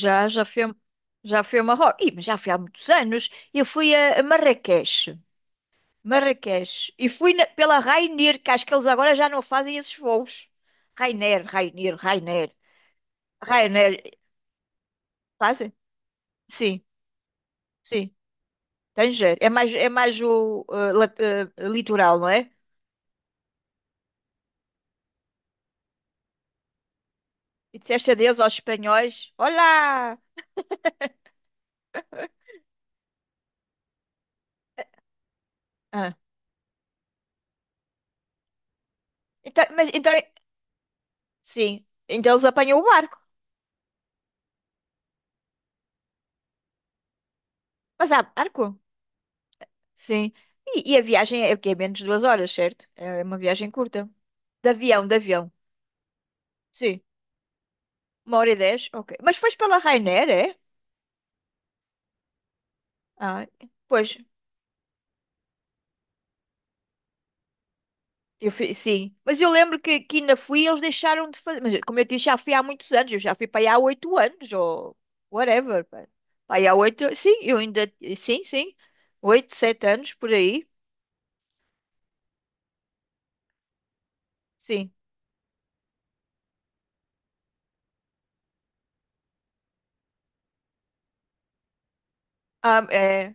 Já, já fui a, já fui a Marrocos. Ih, mas já fui há muitos anos. Eu fui a Marrakech. Marrakech. E pela Ryanair, que acho que eles agora já não fazem esses voos. Ryanair. Ryanair. Fazem? Sim, sim. Tanger. É mais o litoral, não é? E disseste adeus aos espanhóis. Olá! Ah, então, sim. Então eles apanham o barco. Mas há barco? Sim. E a viagem é o quê? É menos de duas horas, certo? É uma viagem curta. De avião. Sim. Uma hora e dez? Ok. Mas foste pela Ryanair, é? Ah, pois. Eu fui, sim. Mas eu lembro que ainda fui e eles deixaram de fazer. Mas como eu disse, já fui há muitos anos. Eu já fui para aí há oito anos ou whatever, pá. Para aí há oito. Sim, eu ainda. Sim, sim. Oito, sete anos por aí. Sim. Ah, é.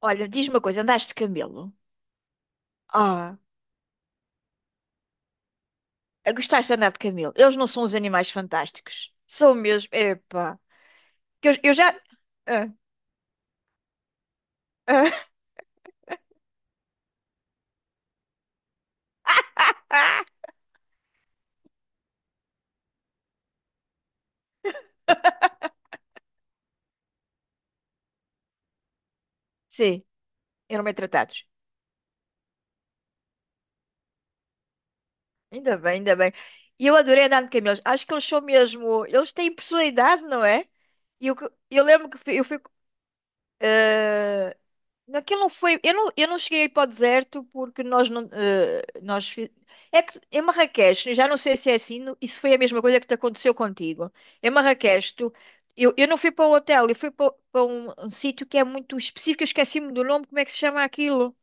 Olha, diz-me uma coisa. Andaste de camelo? Ah. A Gostaste de andar de camelo? Eles não são os animais fantásticos? São mesmo. Epá. Que eu já. Ah, ah, ah, sim, eram bem tratados. Ainda bem, ainda bem. E eu adorei andar de camelos. Acho que eles são mesmo. Eles têm personalidade, não é? E eu, que- eu lembro que fui- eu fui. Eh, Aquilo não foi. Eu não cheguei aí para o deserto porque nós não. eh, nós fi- é que em Marrakech, já não sei se é assim, isso foi a mesma coisa que te aconteceu contigo. Em Marrakech, eu não fui para um hotel, eu fui para, um sítio que é muito específico, eu esqueci-me do nome, como é que se chama aquilo?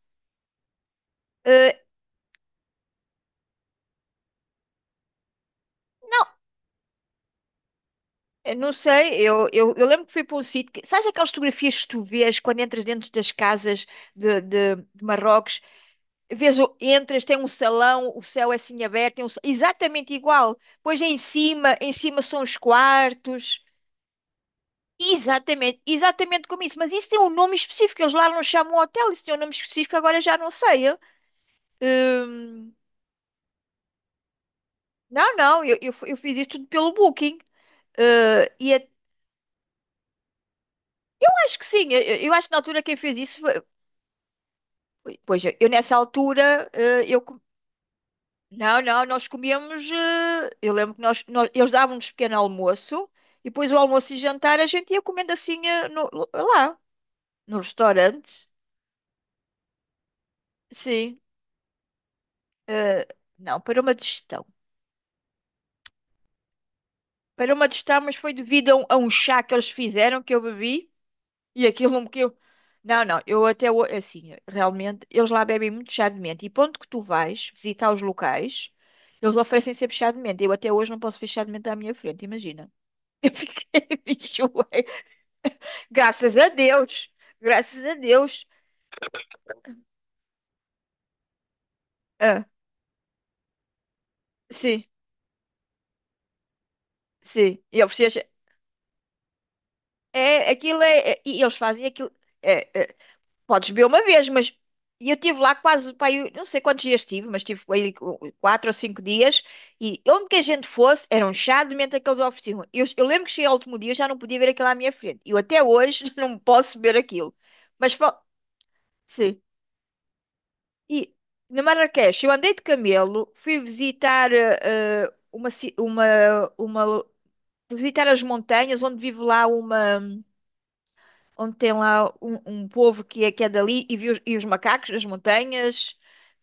Eh, eu não sei, eu lembro que fui para um sítio. Que, sabes aquelas fotografias que tu vês quando entras dentro das casas de Marrocos? Entras, tem um salão, o céu é assim aberto, exatamente igual. Pois é em cima são os quartos. Exatamente, exatamente como isso. Mas isso tem um nome específico, eles lá não chamam hotel, isso tem um nome específico, agora já não sei. Eu. Hum, não, eu fiz isso tudo pelo Booking. Eu acho que sim, eu acho que na altura quem fez isso pois eu nessa altura, não, não, nós comíamos. Eh, Eu lembro que nós- Eles davam-nos pequeno almoço e depois o almoço e jantar a gente ia comendo assim lá, nos restaurantes. Sim. eh, não, para uma digestão. Para uma digestão, mas foi devido a a um chá que eles fizeram que eu bebi e aquilo me que eu. Não, não, assim, realmente, eles lá bebem muito chá de menta e ponto que tu vais visitar os locais, eles oferecem sempre chá de menta. Eu até hoje não posso ver chá de menta à minha frente, imagina. Eu fiquei bicho. Graças a Deus. Graças a Deus. Ah, sim, sim. E eles, e eles fazem aquilo. É, é, podes beber uma vez, mas. E eu estive lá quase, pá, eu não sei quantos dias tive, mas tive aí quatro ou cinco dias. E onde que a gente fosse, era um chá de menta que eles ofereciam. Eu lembro que cheguei ao último dia, eu já não podia ver aquilo à minha frente. Eu até hoje não posso ver aquilo. Mas, fa- sim. E na Marrakech, eu andei de camelo, fui visitar eh, eh, uma, ci- uma, lo- fui visitar as montanhas onde vive lá uma, onde tem lá um um povo que é dali e vi os macacos nas montanhas.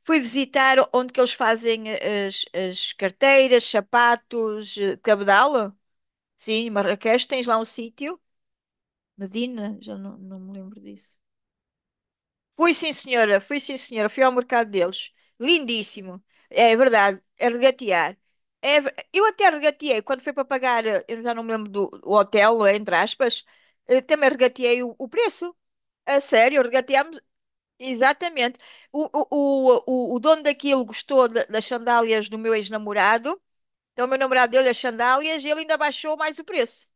Fui visitar onde que eles fazem as, as carteiras, sapatos, eh, cabedal. Sim, em Marrakech tens lá um sítio. Medina, já não, não me lembro disso. Fui sim, senhora. Fui sim, senhora. Fui ao mercado deles. Lindíssimo. É verdade. É regatear. Eu até regateei quando foi para pagar, eu já não me lembro do o hotel, não é? Entre aspas, também regateei o preço. A sério, regateámos. Exatamente. O, o, o, o dono daquilo gostou das sandálias do meu ex-namorado. Então, o meu namorado deu-lhe as sandálias e ele ainda baixou mais o preço.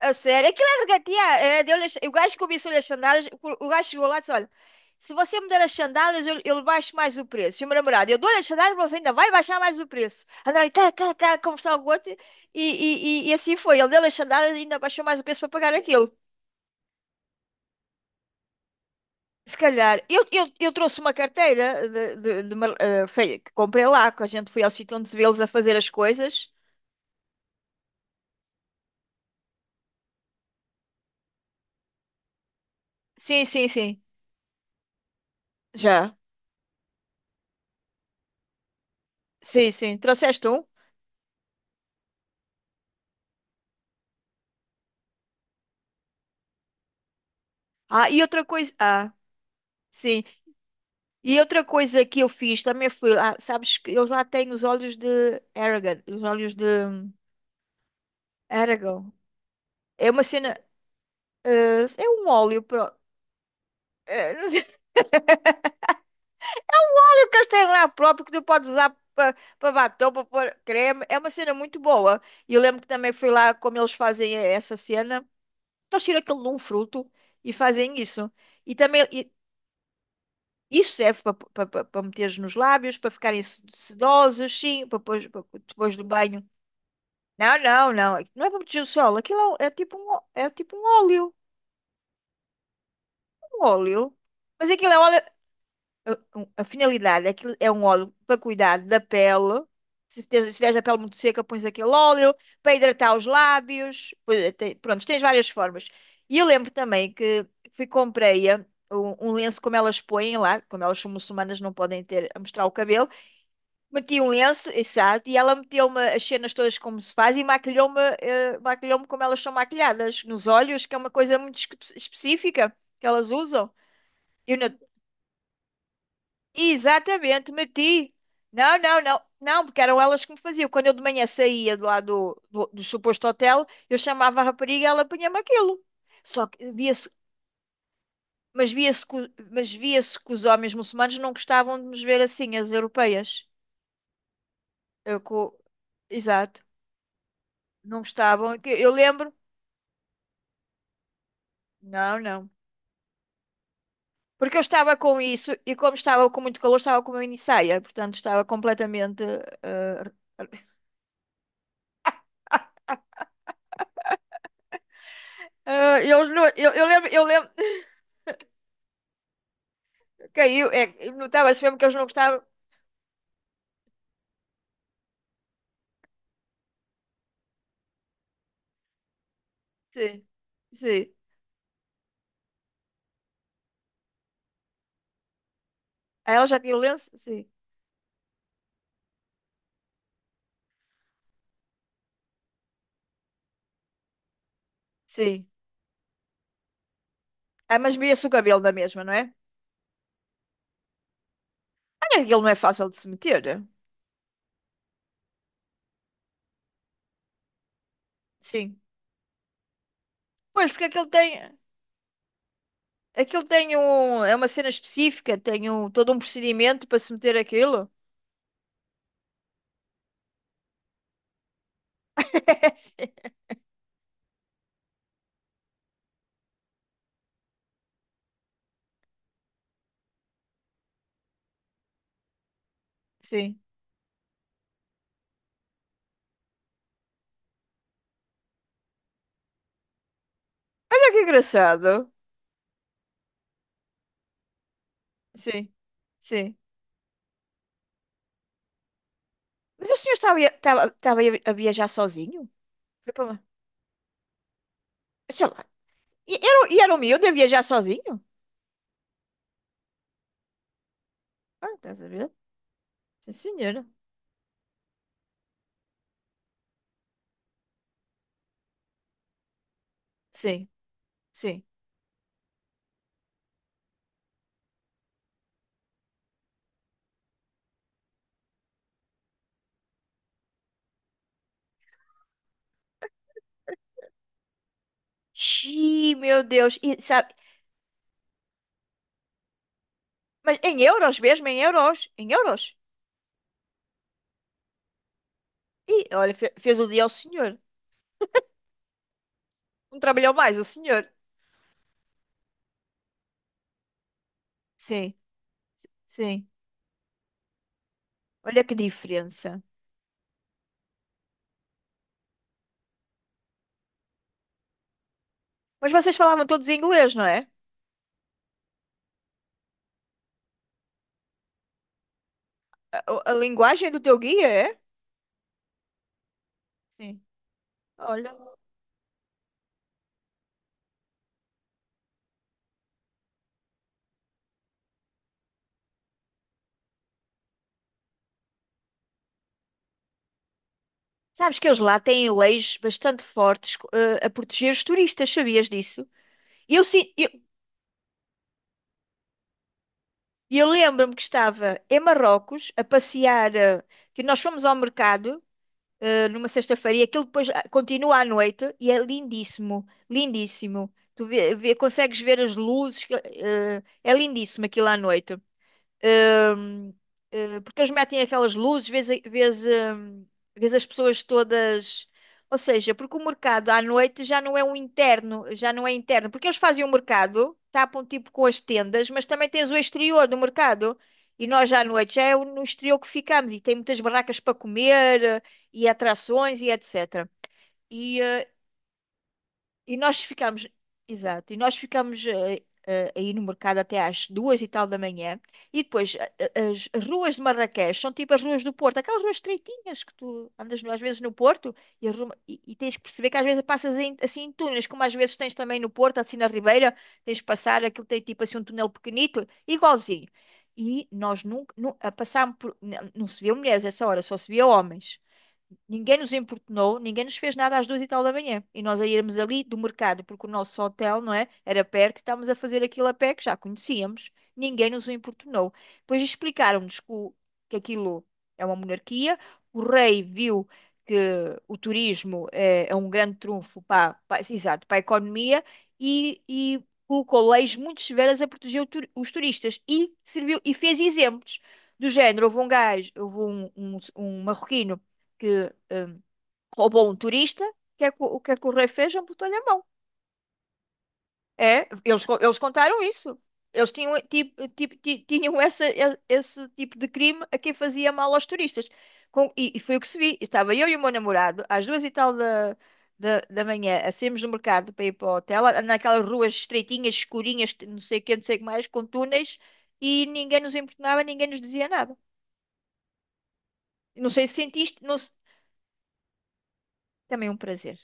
Eu sei, é claro que a tia, é, deu. O gajo que cobiçou-lhe as sandálias, o gajo chegou lá e disse: olha, se você me der as sandálias, eu baixo mais o preço. E o meu namorado: eu dou-lhe as sandálias, você ainda vai baixar mais o preço. Andaram ali, tá, tá, tá, a conversar com o outro, e assim foi. Ele deu-lhe as sandálias e ainda baixou mais o preço para pagar aquilo. Se calhar, eu trouxe uma carteira de uma- eh, fe- que comprei lá, que a gente foi ao sítio onde se vê eles a fazer as coisas. Sim, sim, sim, já. Sim, sim, trouxeste um? Ah, e outra coisa, ah... Sim. E outra coisa que eu fiz também foi, ah, sabes que eles lá têm os olhos de Aragorn, os olhos de Aragorn. É uma cena, é um óleo, não sei, eu quero ter lá próprio que tu podes usar para batom, para pôr creme. É uma cena muito boa. E eu lembro que também fui lá como eles fazem essa cena. Eles tiram aquilo de um fruto e fazem isso. E também e isso serve para meteres nos lábios, para ficarem sedosos, sim, para depois do banho. Não, não, não. Não é produto de solo. É tipo é tipo um óleo. Um óleo. Mas aquilo é um óleo. A finalidade é que é um óleo para cuidar da pele. Se tiveres a pele muito seca, pões aquele óleo para hidratar os lábios. Pronto, tens várias formas. E eu lembro também que fui comprei a- um, um lenço como elas põem lá, como elas são muçulmanas, não podem ter a mostrar o cabelo. Meti um lenço, exato, e ela meteu-me as cenas todas como se faz e maquilhou-me como elas são maquilhadas, nos olhos, que é uma coisa muito específica que elas usam. E Eu não... Exatamente, meti. Não, não, não, não, porque eram elas que me faziam. Quando eu de manhã saía de lá do suposto hotel, eu chamava a rapariga e ela punha-me aquilo. Só que via-se, mas via-se, mas via-se que os homens muçulmanos não gostavam de nos ver assim, as europeias. Eu, co- Exato. Não gostavam. Que eu lembro-me. Não, não. Porque eu estava com isso e como estava com muito calor, estava com uma minissaia, portanto estava completamente. Ah, ah, eles não, eu lembro, caiu, é, notava-se mesmo que eles não gostavam. Sim, sim. Ah, ela já tinha o lenço? Sim, sim. Ah, mas via-se o cabelo da mesma, não é? Ah, aquilo não é fácil de se meter. Sim. Pois, porque aquilo tem um, é uma cena específica, tem um, todo um procedimento para se meter aquilo. Sim. Olha que engraçado. Sim, sim. Mas o senhor estava, estava a viajar sozinho? Foi para- lá. Sei lá. E era o miúdo a viajar sozinho? Ah, estás a ver? Sim, senhora. Sim, sim. Xiii, meu Deus. E, sabe, mas em euros mesmo, em euros. Em euros. E olha, fez o dia ao senhor. Não trabalhou mais o senhor. Sim, sim. Olha que diferença. Mas vocês falavam todos em inglês, não é? A linguagem do teu guia é? Sim. Olha. Sabes que eles lá têm leis bastante fortes, eh, a proteger os turistas, sabias disso? Eu, sim. eu, eu lembro-me que estava em Marrocos a passear, que nós fomos ao mercado, numa sexta-feira, e aquilo depois ah, continua à noite, e é lindíssimo, lindíssimo. Consegues ver as luzes, é lindíssimo aquilo à noite. Hum, Porque eles metem aquelas luzes, vês as pessoas todas. Ou seja, porque o mercado à noite já não é um interno, já não é interno. Porque eles fazem o mercado, tapam tipo com as tendas, mas também tens o exterior do mercado. E nós já à noite já é no exterior que ficamos e tem muitas barracas para comer, e atrações e etc. E, eh, e nós ficámos, exato, e nós ficámos aí no mercado até às duas e tal da manhã. E depois a- a- As ruas de Marrakech são tipo as ruas do Porto, aquelas ruas estreitinhas que tu andas no- às vezes no Porto e tens que perceber que às vezes assim em túneis, como às vezes tens também no Porto, assim na Ribeira, tens de passar, aquilo tem tipo assim um túnel pequenito, igualzinho. E nós nunca, nu- a Passámos por, não, não se via mulheres essa hora, só se via homens. Ninguém nos importunou, ninguém nos fez nada às duas e tal da manhã. E nós a irmos ali do mercado, porque o nosso hotel, não é? Era perto e estávamos a fazer aquilo a pé que já conhecíamos. Ninguém nos o importunou. Depois explicaram-nos que, aquilo é uma monarquia. O rei viu que o turismo é, é um grande trunfo exato, para a economia e colocou leis muito severas a proteger os turistas e serviu e fez exemplos. Do género, houve um marroquino que roubou um turista. O que é que o rei fez? Amputou-lhe a mão. É, eles contaram isso. Eles tinham, tinham esse tipo de crime a quem fazia mal aos turistas. E foi o que se vi. Estava eu e o meu namorado, às duas e tal da manhã, a sairmos do mercado para ir para o hotel, naquelas ruas estreitinhas, escurinhas, que não sei o que, não sei o que mais, com túneis, e ninguém nos importunava, ninguém nos dizia nada. Não sei se sentiste, não se- Também é um prazer.